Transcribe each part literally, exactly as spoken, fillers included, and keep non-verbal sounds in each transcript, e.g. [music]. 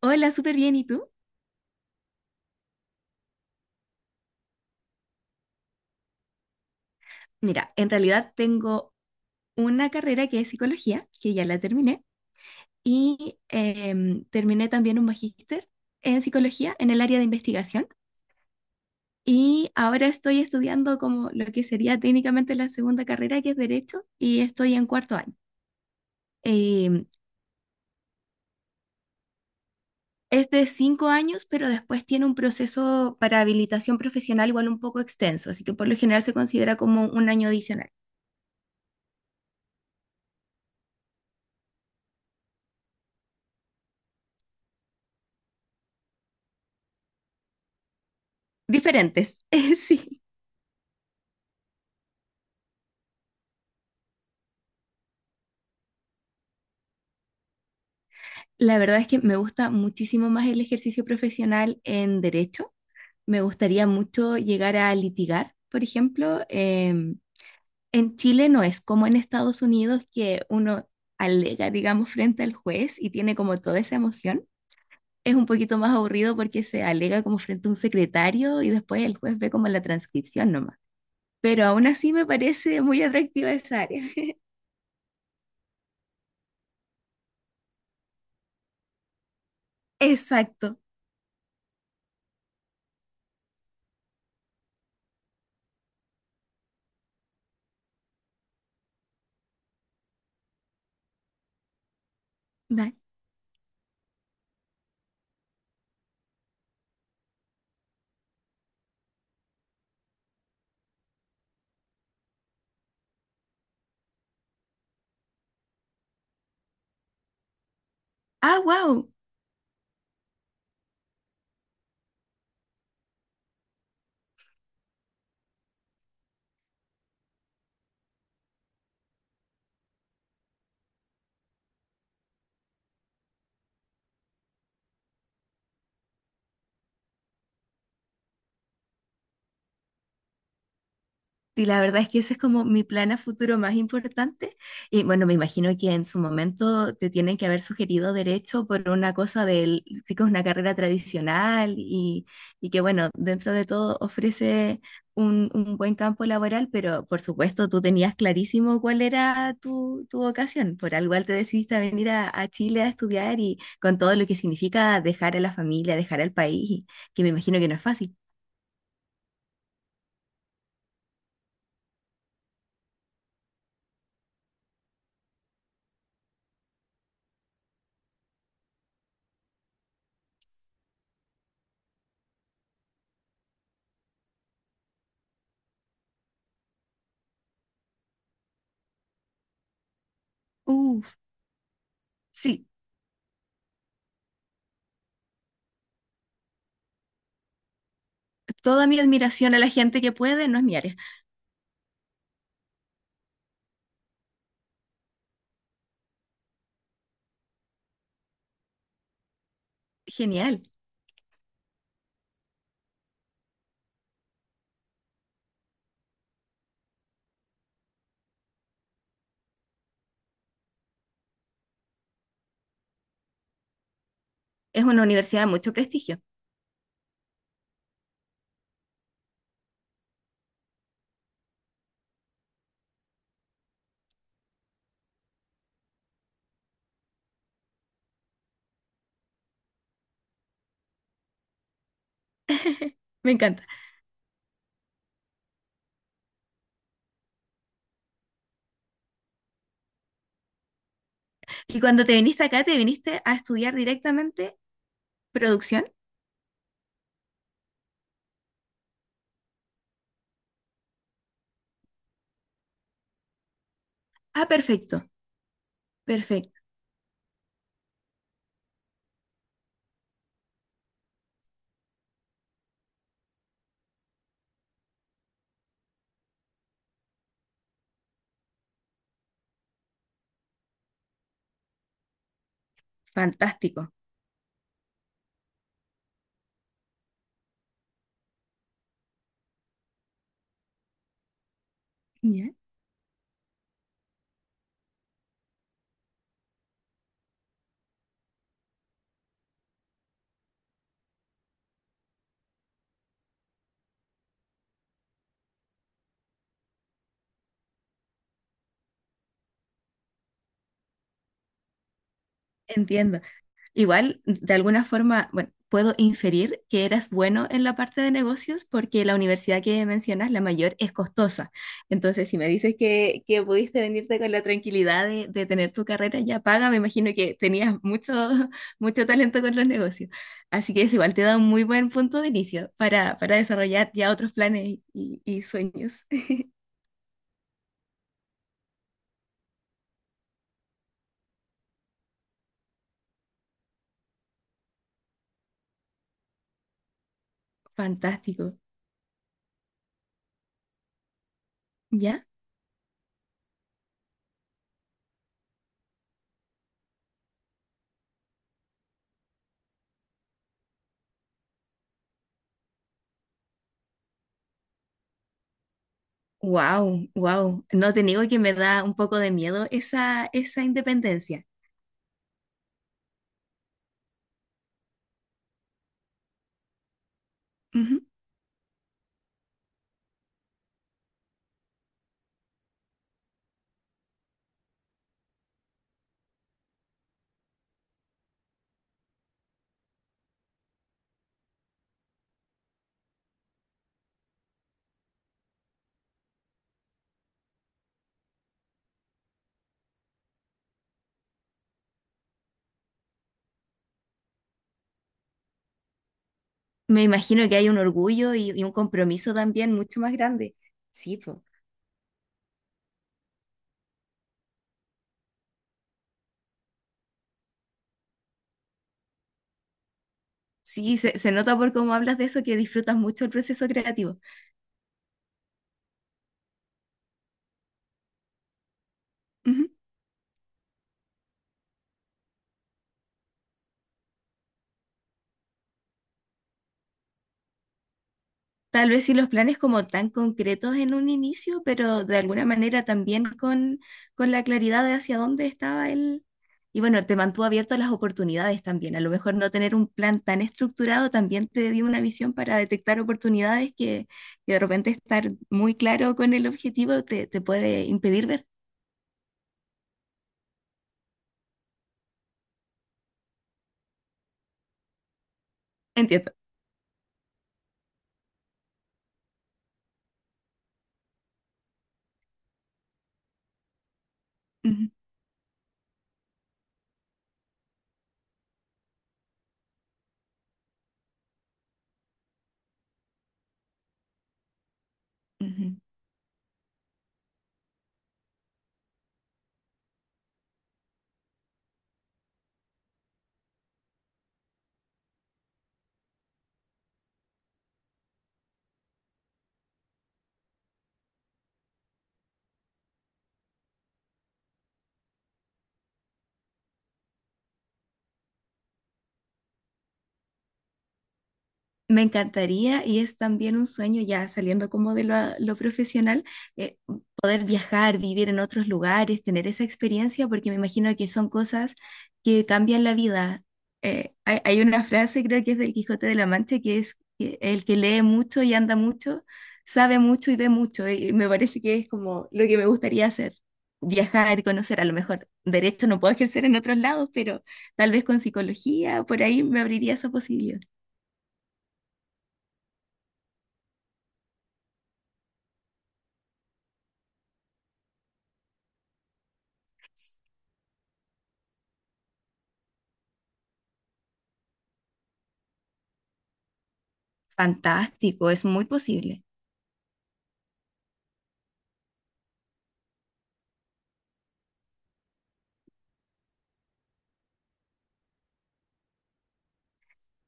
Hola, súper bien. ¿Y tú? Mira, en realidad tengo una carrera que es psicología, que ya la terminé, y em, terminé también un magíster en psicología en el área de investigación. Y ahora estoy estudiando como lo que sería técnicamente la segunda carrera, que es Derecho, y estoy en cuarto año. Em, es de cinco años, pero después tiene un proceso para habilitación profesional igual un poco extenso, así que por lo general se considera como un año adicional. Diferentes, [laughs] sí. La verdad es que me gusta muchísimo más el ejercicio profesional en derecho. Me gustaría mucho llegar a litigar, por ejemplo. Em, en Chile no es como en Estados Unidos que uno alega, digamos, frente al juez y tiene como toda esa emoción. Es un poquito más aburrido porque se alega como frente a un secretario y después el juez ve como la transcripción nomás. Pero aún así me parece muy atractiva esa área. [laughs] Exacto. Da- Ah, wow. Sí, la verdad es que ese es como mi plan a futuro más importante. Y bueno, me imagino que en su momento te tienen que haber sugerido derecho por una cosa del, sí que es una carrera tradicional y, y que bueno, dentro de todo ofrece un, un buen campo laboral, pero por supuesto tú tenías clarísimo cuál era tu, tu vocación. Por algo igual te decidiste a venir a, a Chile a estudiar y con todo lo que significa dejar a la familia, dejar al país, que me imagino que no es fácil. Uf. Sí. Toda mi admiración a la gente que puede, no es mi área. Genial. Es una universidad de mucho prestigio. Me encanta. Y cuando te viniste acá, te viniste a estudiar directamente producción. Ah, perfecto. Perfecto. Fantástico. Ya. Entiendo. Igual, de alguna forma, bueno, puedo inferir que eras bueno en la parte de negocios porque la universidad que mencionas, la mayor, es costosa. Entonces, si me dices que, que pudiste venirte con la tranquilidad de, de tener tu carrera ya paga, me imagino que tenías mucho, [laughs] mucho talento con los negocios. Así que eso igual te da un muy buen punto de inicio para, para desarrollar ya otros planes y, y sueños. [laughs] Fantástico. ¿Ya? Wow, wow. No te niego que me da un poco de miedo esa, esa independencia. Ujú. Me imagino que hay un orgullo y, y un compromiso también mucho más grande. Sí, po. Sí, se, se nota por cómo hablas de eso que disfrutas mucho el proceso creativo. Ujú. Tal vez sí los planes como tan concretos en un inicio, pero de alguna manera también con, con la claridad de hacia dónde estaba él. Y bueno, te mantuvo abierto a las oportunidades también. A lo mejor no tener un plan tan estructurado también te dio una visión para detectar oportunidades que, que de repente estar muy claro con el objetivo te, te puede impedir ver. Entiendo. Ujú, ujú. Me encantaría y es también un sueño ya saliendo como de lo, lo profesional, eh, poder viajar, vivir en otros lugares, tener esa experiencia, porque me imagino que son cosas que cambian la vida. Eh, hay, hay una frase, creo que es del Quijote de la Mancha, que es que el que lee mucho y anda mucho, sabe mucho y ve mucho, eh, y me parece que es como lo que me gustaría hacer, viajar, conocer, a lo mejor derecho no puedo ejercer en otros lados, pero... Tal vez con psicología, por ahí me abriría esa posibilidad. Fantástico, es muy posible.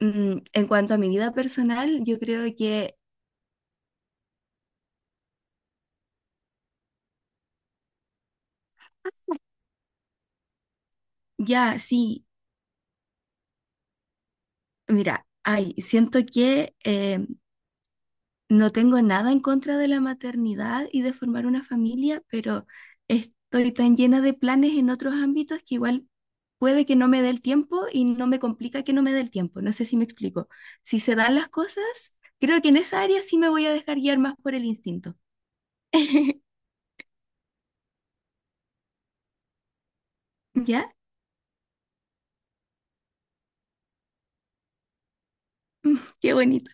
Mm, en cuanto a mi vida personal, yo creo que ya, sí, mira, ay, siento que eh, no tengo nada en contra de la maternidad y de formar una familia, pero estoy tan llena de planes en otros ámbitos que igual puede que no me dé el tiempo y no me complica que no me dé el tiempo. No sé si me explico. Si se dan las cosas, creo que en esa área sí me voy a dejar guiar más por el instinto. [laughs] ¿Ya? Mm, qué bonito.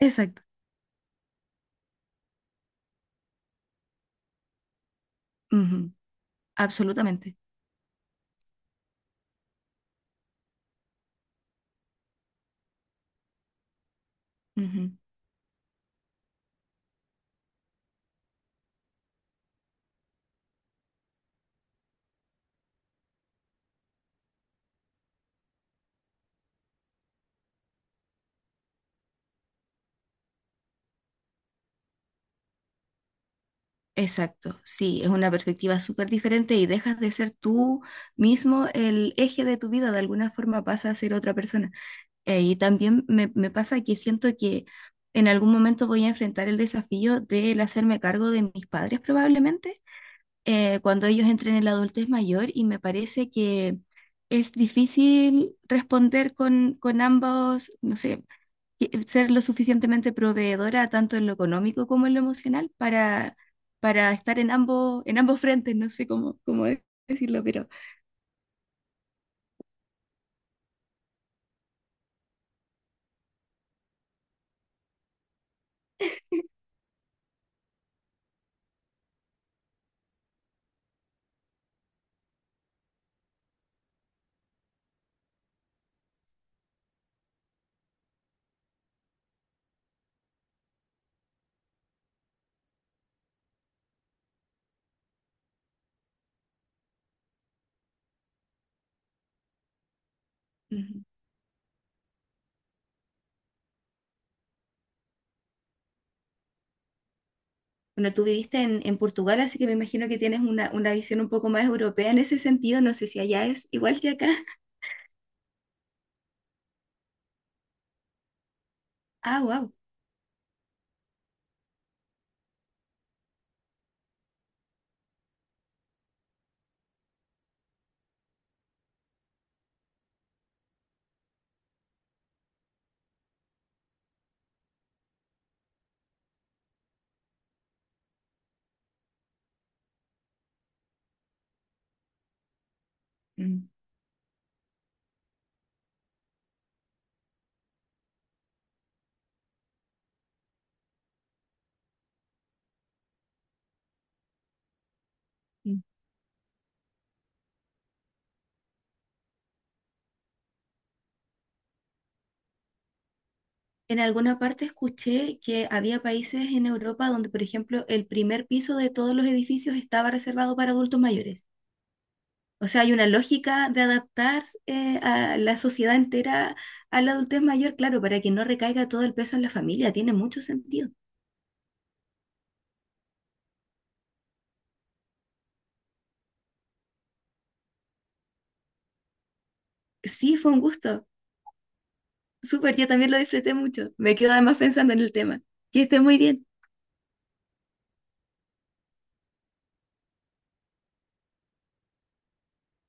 Exacto. Absolutamente. Ujú. Exacto. Sí, es una perspectiva súper diferente y dejas de ser tú mismo el eje de tu vida. De alguna forma pasa a ser otra persona. Eh, y también me, me pasa que siento que en algún momento voy a enfrentar el desafío del hacerme cargo de mis padres probablemente eh, cuando ellos entren en la adultez mayor y me parece que es difícil responder con, con ambos, no sé, y- ser lo suficientemente proveedora tanto en lo económico como en lo emocional para, para estar en ambos, en ambos frentes, no sé cómo, cómo de- decirlo, pero ujú. Bueno, tú viviste en, en Portugal, así que me imagino que tienes una, una visión un poco más europea en ese sentido, no sé si allá es igual que acá. [laughs] Ah, wow. Mm, mm. En alguna parte escuché que había países en Europa donde, por ejemplo, el primer piso de todos los edificios estaba reservado para adultos mayores. O sea, hay una lógica de adaptar eh, a la sociedad entera a la adultez mayor, claro, para que no recaiga todo el peso en la familia. Tiene mucho sentido. Sí, fue un gusto. Súper, yo también lo disfruté mucho. Me quedo además pensando en el tema. Que esté muy bien.